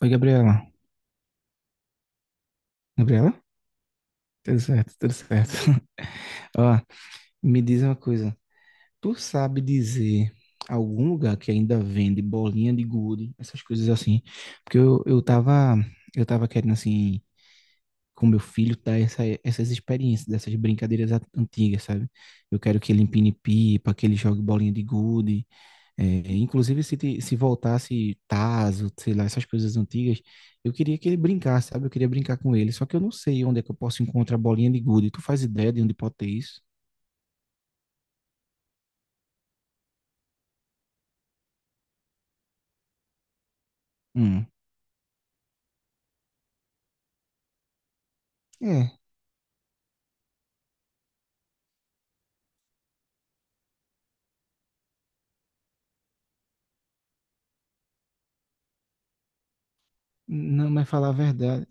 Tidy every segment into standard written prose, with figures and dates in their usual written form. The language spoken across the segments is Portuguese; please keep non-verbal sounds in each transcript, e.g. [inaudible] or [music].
Oi, Gabriela. Gabriela? Tudo certo, tudo certo. [laughs] Ó, me diz uma coisa. Tu sabe dizer algum lugar que ainda vende bolinha de gude, essas coisas assim? Porque eu tava, eu tava querendo, assim, com meu filho, dar essas experiências, dessas brincadeiras antigas, sabe? Eu quero que ele empine pipa, que ele jogue bolinha de gude. É, inclusive, se voltasse Tazo, sei lá, essas coisas antigas, eu queria que ele brincasse, sabe? Eu queria brincar com ele, só que eu não sei onde é que eu posso encontrar a bolinha de gude. Tu faz ideia de onde pode ter isso? Hum, é, não, mas falar a verdade.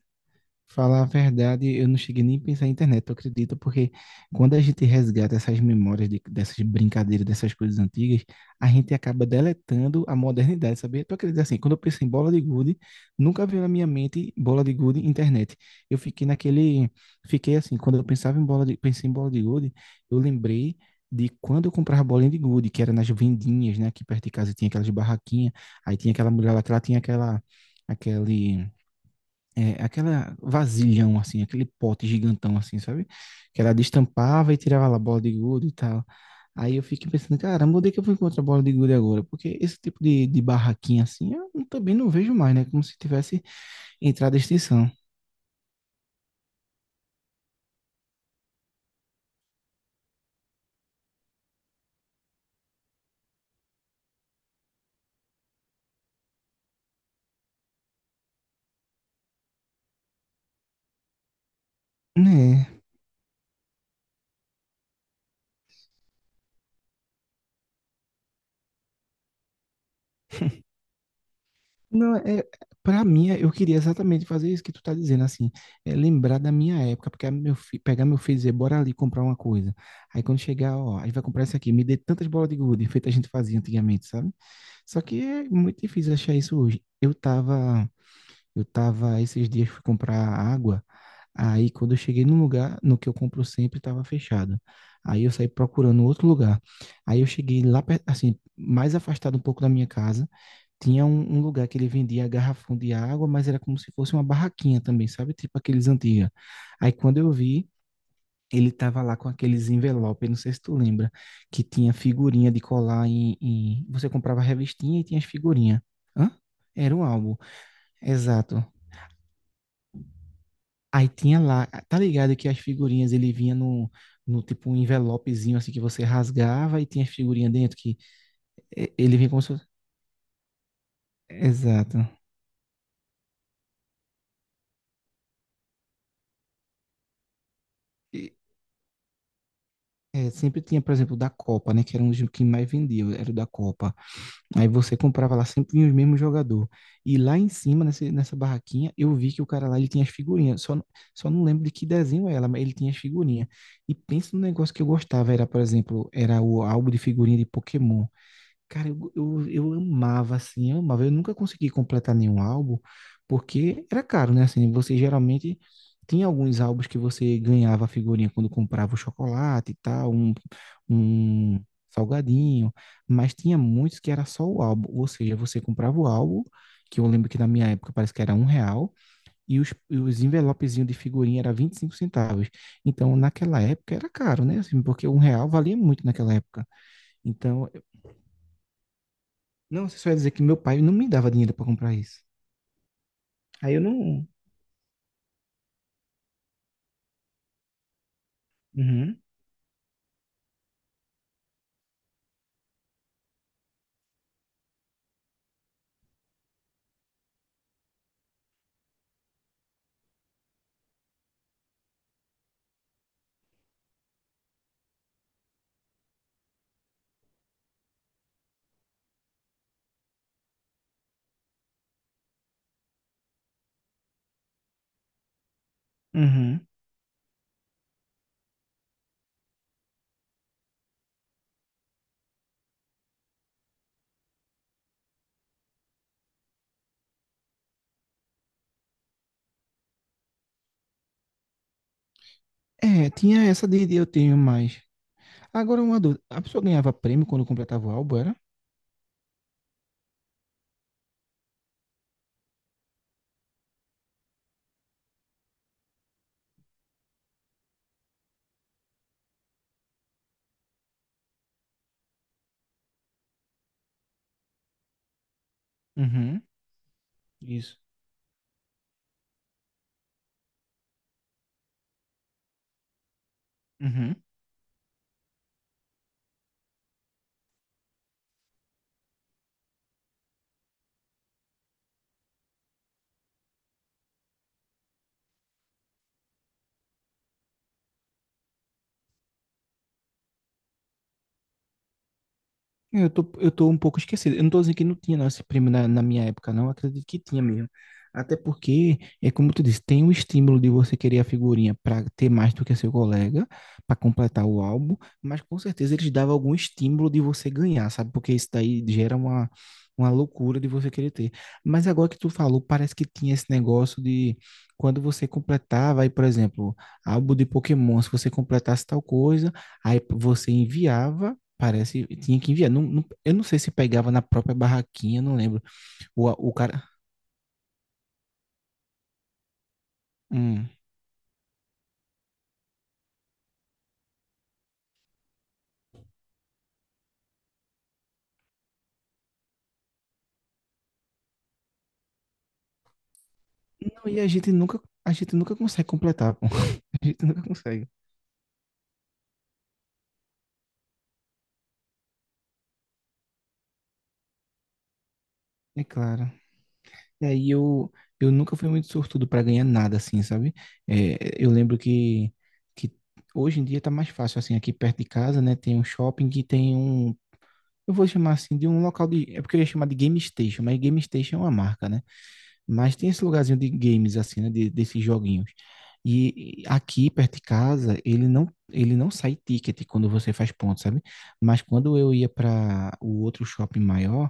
Falar a verdade, eu não cheguei nem a pensar em internet, eu acredito, porque quando a gente resgata essas memórias dessas brincadeiras, dessas coisas antigas, a gente acaba deletando a modernidade, sabia? Tu acredita assim, quando eu penso em bola de gude, nunca veio na minha mente bola de gude internet. Eu fiquei naquele, fiquei assim, quando eu pensava em bola de, pensei em bola de gude, eu lembrei de quando eu comprava bolinha de gude, que era nas vendinhas, né, aqui perto de casa tinha aquelas barraquinhas, aí tinha aquela mulher lá que ela tinha aquela, aquele aquela vasilhão, assim, aquele pote gigantão, assim, sabe? Que ela destampava e tirava lá a bola de gude e tal. Aí eu fiquei pensando, caramba, onde é que eu vou encontrar a bola de gude agora? Porque esse tipo de barraquinha, assim, eu também não vejo mais, né? Como se tivesse entrado em extinção. Né? Não, é... Pra mim, é, eu queria exatamente fazer isso que tu tá dizendo, assim, é lembrar da minha época, porque pegar meu filho e dizer, bora ali comprar uma coisa. Aí quando chegar, ó, a gente vai comprar isso aqui, me dê tantas bolas de gude, feito a gente fazia antigamente, sabe? Só que é muito difícil achar isso hoje. Eu tava esses dias fui comprar água, aí quando eu cheguei num lugar, no que eu compro sempre, estava fechado. Aí eu saí procurando outro lugar. Aí eu cheguei lá, assim, mais afastado um pouco da minha casa, tinha um lugar que ele vendia garrafão de água, mas era como se fosse uma barraquinha também, sabe? Tipo aqueles antigos. Aí quando eu vi, ele tava lá com aqueles envelopes, não sei se tu lembra, que tinha figurinha de colar Você comprava a revistinha e tinha as figurinhas. Hã? Era um álbum. Exato. Aí tinha lá, tá ligado que as figurinhas ele vinha no tipo um envelopezinho assim que você rasgava e tinha as figurinhas dentro que ele vinha como se fosse... Exato. E, sempre tinha, por exemplo, o da Copa, né? Que era um dos que mais vendia, era o da Copa. Aí você comprava lá, sempre vinha os mesmos jogador. E lá em cima, nessa barraquinha, eu vi que o cara lá, ele tinha as figurinhas. Só não lembro de que desenho era, mas ele tinha as figurinhas. E pensa no negócio que eu gostava. Era, por exemplo, era o álbum de figurinha de Pokémon. Cara, eu amava, assim, eu amava. Eu nunca consegui completar nenhum álbum, porque era caro, né? Assim, você geralmente tinha alguns álbuns que você ganhava a figurinha quando comprava o chocolate e tal, um salgadinho, mas tinha muitos que era só o álbum, ou seja, você comprava o álbum, que eu lembro que na minha época parece que era um real, e os envelopezinhos de figurinha era 25 centavos. Então, naquela época era caro, né? Assim, porque um real valia muito naquela época. Então, não, você só ia dizer que meu pai não me dava dinheiro para comprar isso. Aí eu não. Uhum, uhum. É, tinha essa de eu tenho mais. Agora uma dúvida. A pessoa ganhava prêmio quando completava o álbum, era? Uhum, isso. Uhum. É, eu tô, eu tô um pouco esquecido. Eu não tô dizendo que não tinha não, esse prêmio na minha época, não. Eu acredito que tinha mesmo. Até porque, é como tu disse, tem o estímulo de você querer a figurinha para ter mais do que seu colega, para completar o álbum, mas com certeza eles davam algum estímulo de você ganhar, sabe? Porque isso daí gera uma loucura de você querer ter. Mas agora que tu falou, parece que tinha esse negócio de quando você completava, aí, por exemplo, álbum de Pokémon, se você completasse tal coisa, aí você enviava. Parece, tinha que enviar. Eu não sei se pegava na própria barraquinha, não lembro. O cara. Hum. Não, e a gente nunca consegue completar, pô. [laughs] A gente nunca consegue. É claro. E aí eu nunca fui muito sortudo para ganhar nada, assim, sabe? É, eu lembro que hoje em dia tá mais fácil, assim, aqui perto de casa, né? Tem um shopping que tem um. Eu vou chamar assim de um local de. É porque eu ia chamar de Game Station, mas Game Station é uma marca, né? Mas tem esse lugarzinho de games, assim, né? Desses joguinhos. E aqui, perto de casa, ele não sai ticket quando você faz ponto, sabe? Mas quando eu ia para o outro shopping maior,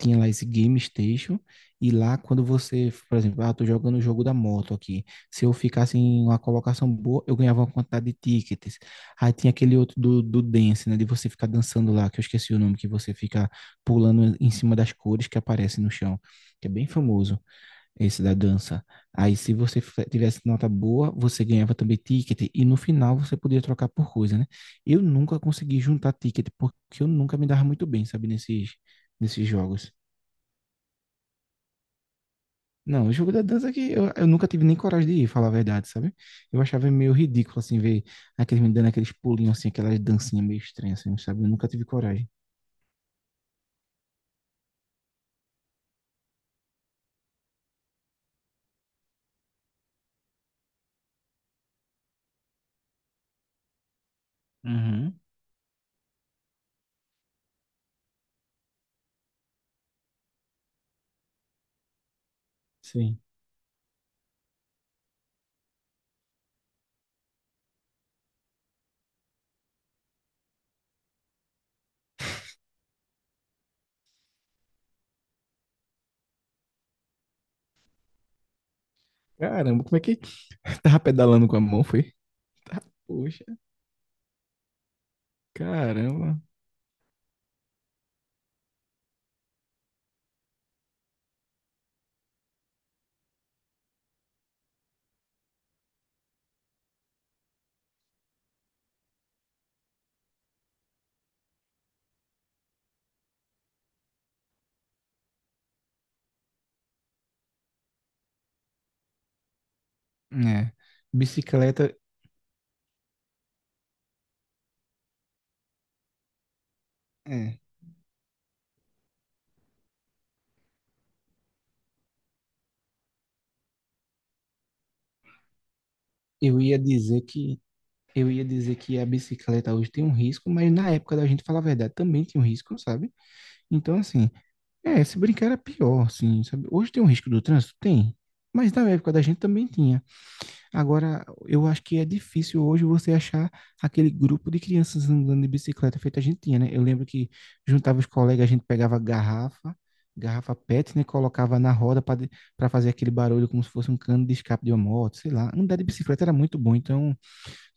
tinha lá esse Game Station. E lá, quando você, por exemplo, ah, tô jogando o jogo da moto aqui. Se eu ficasse em uma colocação boa, eu ganhava uma quantidade de tickets. Aí tinha aquele outro do dance, né? De você ficar dançando lá, que eu esqueci o nome, que você fica pulando em cima das cores que aparecem no chão, que é bem famoso. Esse da dança. Aí, se você tivesse nota boa, você ganhava também ticket. E no final, você podia trocar por coisa, né? Eu nunca consegui juntar ticket, porque eu nunca me dava muito bem, sabe? Nesses jogos. Não, o jogo da dança é que eu nunca tive nem coragem de ir, falar a verdade, sabe? Eu achava meio ridículo, assim, ver aqueles me dando aqueles pulinhos, assim, aquelas dancinhas meio estranhas, assim, sabe? Eu nunca tive coragem. Uhum, sim. Caramba, como é que [laughs] tava pedalando com a mão, foi? Tá, poxa, caramba. É, bicicleta, é, eu ia dizer que eu ia dizer que a bicicleta hoje tem um risco, mas na época da gente, falar a verdade, também tinha um risco, sabe? Então, assim, é, se brincar era pior, assim, sabe? Hoje tem um risco do trânsito? Tem. Mas na época da gente também tinha. Agora, eu acho que é difícil hoje você achar aquele grupo de crianças andando de bicicleta feito a gente tinha, né? Eu lembro que juntava os colegas, a gente pegava garrafa, garrafa PET, né? Colocava na roda para fazer aquele barulho como se fosse um cano de escape de uma moto, sei lá. Andar de bicicleta era muito bom. Então,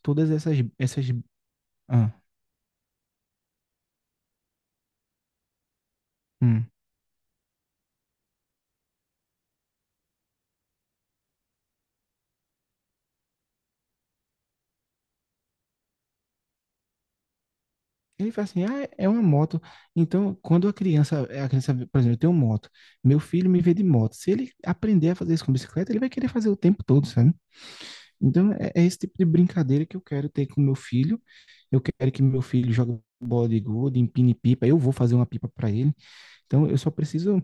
todas essas, ah, hum. Ele fala assim, ah, é uma moto. Então, quando a criança, por exemplo, eu tenho moto, meu filho me vê de moto. Se ele aprender a fazer isso com bicicleta, ele vai querer fazer o tempo todo, sabe? Então, é, é esse tipo de brincadeira que eu quero ter com meu filho. Eu quero que meu filho jogue bola de gude, empine pipa. Eu vou fazer uma pipa para ele. Então, eu só preciso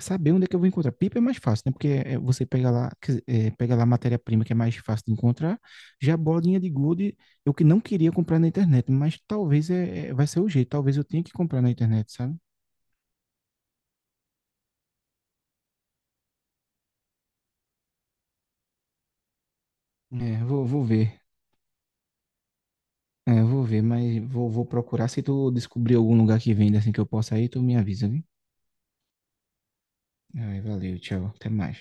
saber onde é que eu vou encontrar. Pipa é mais fácil, né? Porque é, é você pega lá, quer dizer, é, pega lá a matéria-prima que é mais fácil de encontrar. Já a bolinha de gude, eu que não queria comprar na internet, mas talvez vai ser o jeito. Talvez eu tenha que comprar na internet, sabe? É, vou, vou ver. É, vou ver, mas vou, vou procurar. Se tu descobrir algum lugar que venda assim que eu possa ir, tu me avisa, viu? Ai, valeu, tchau. Até mais.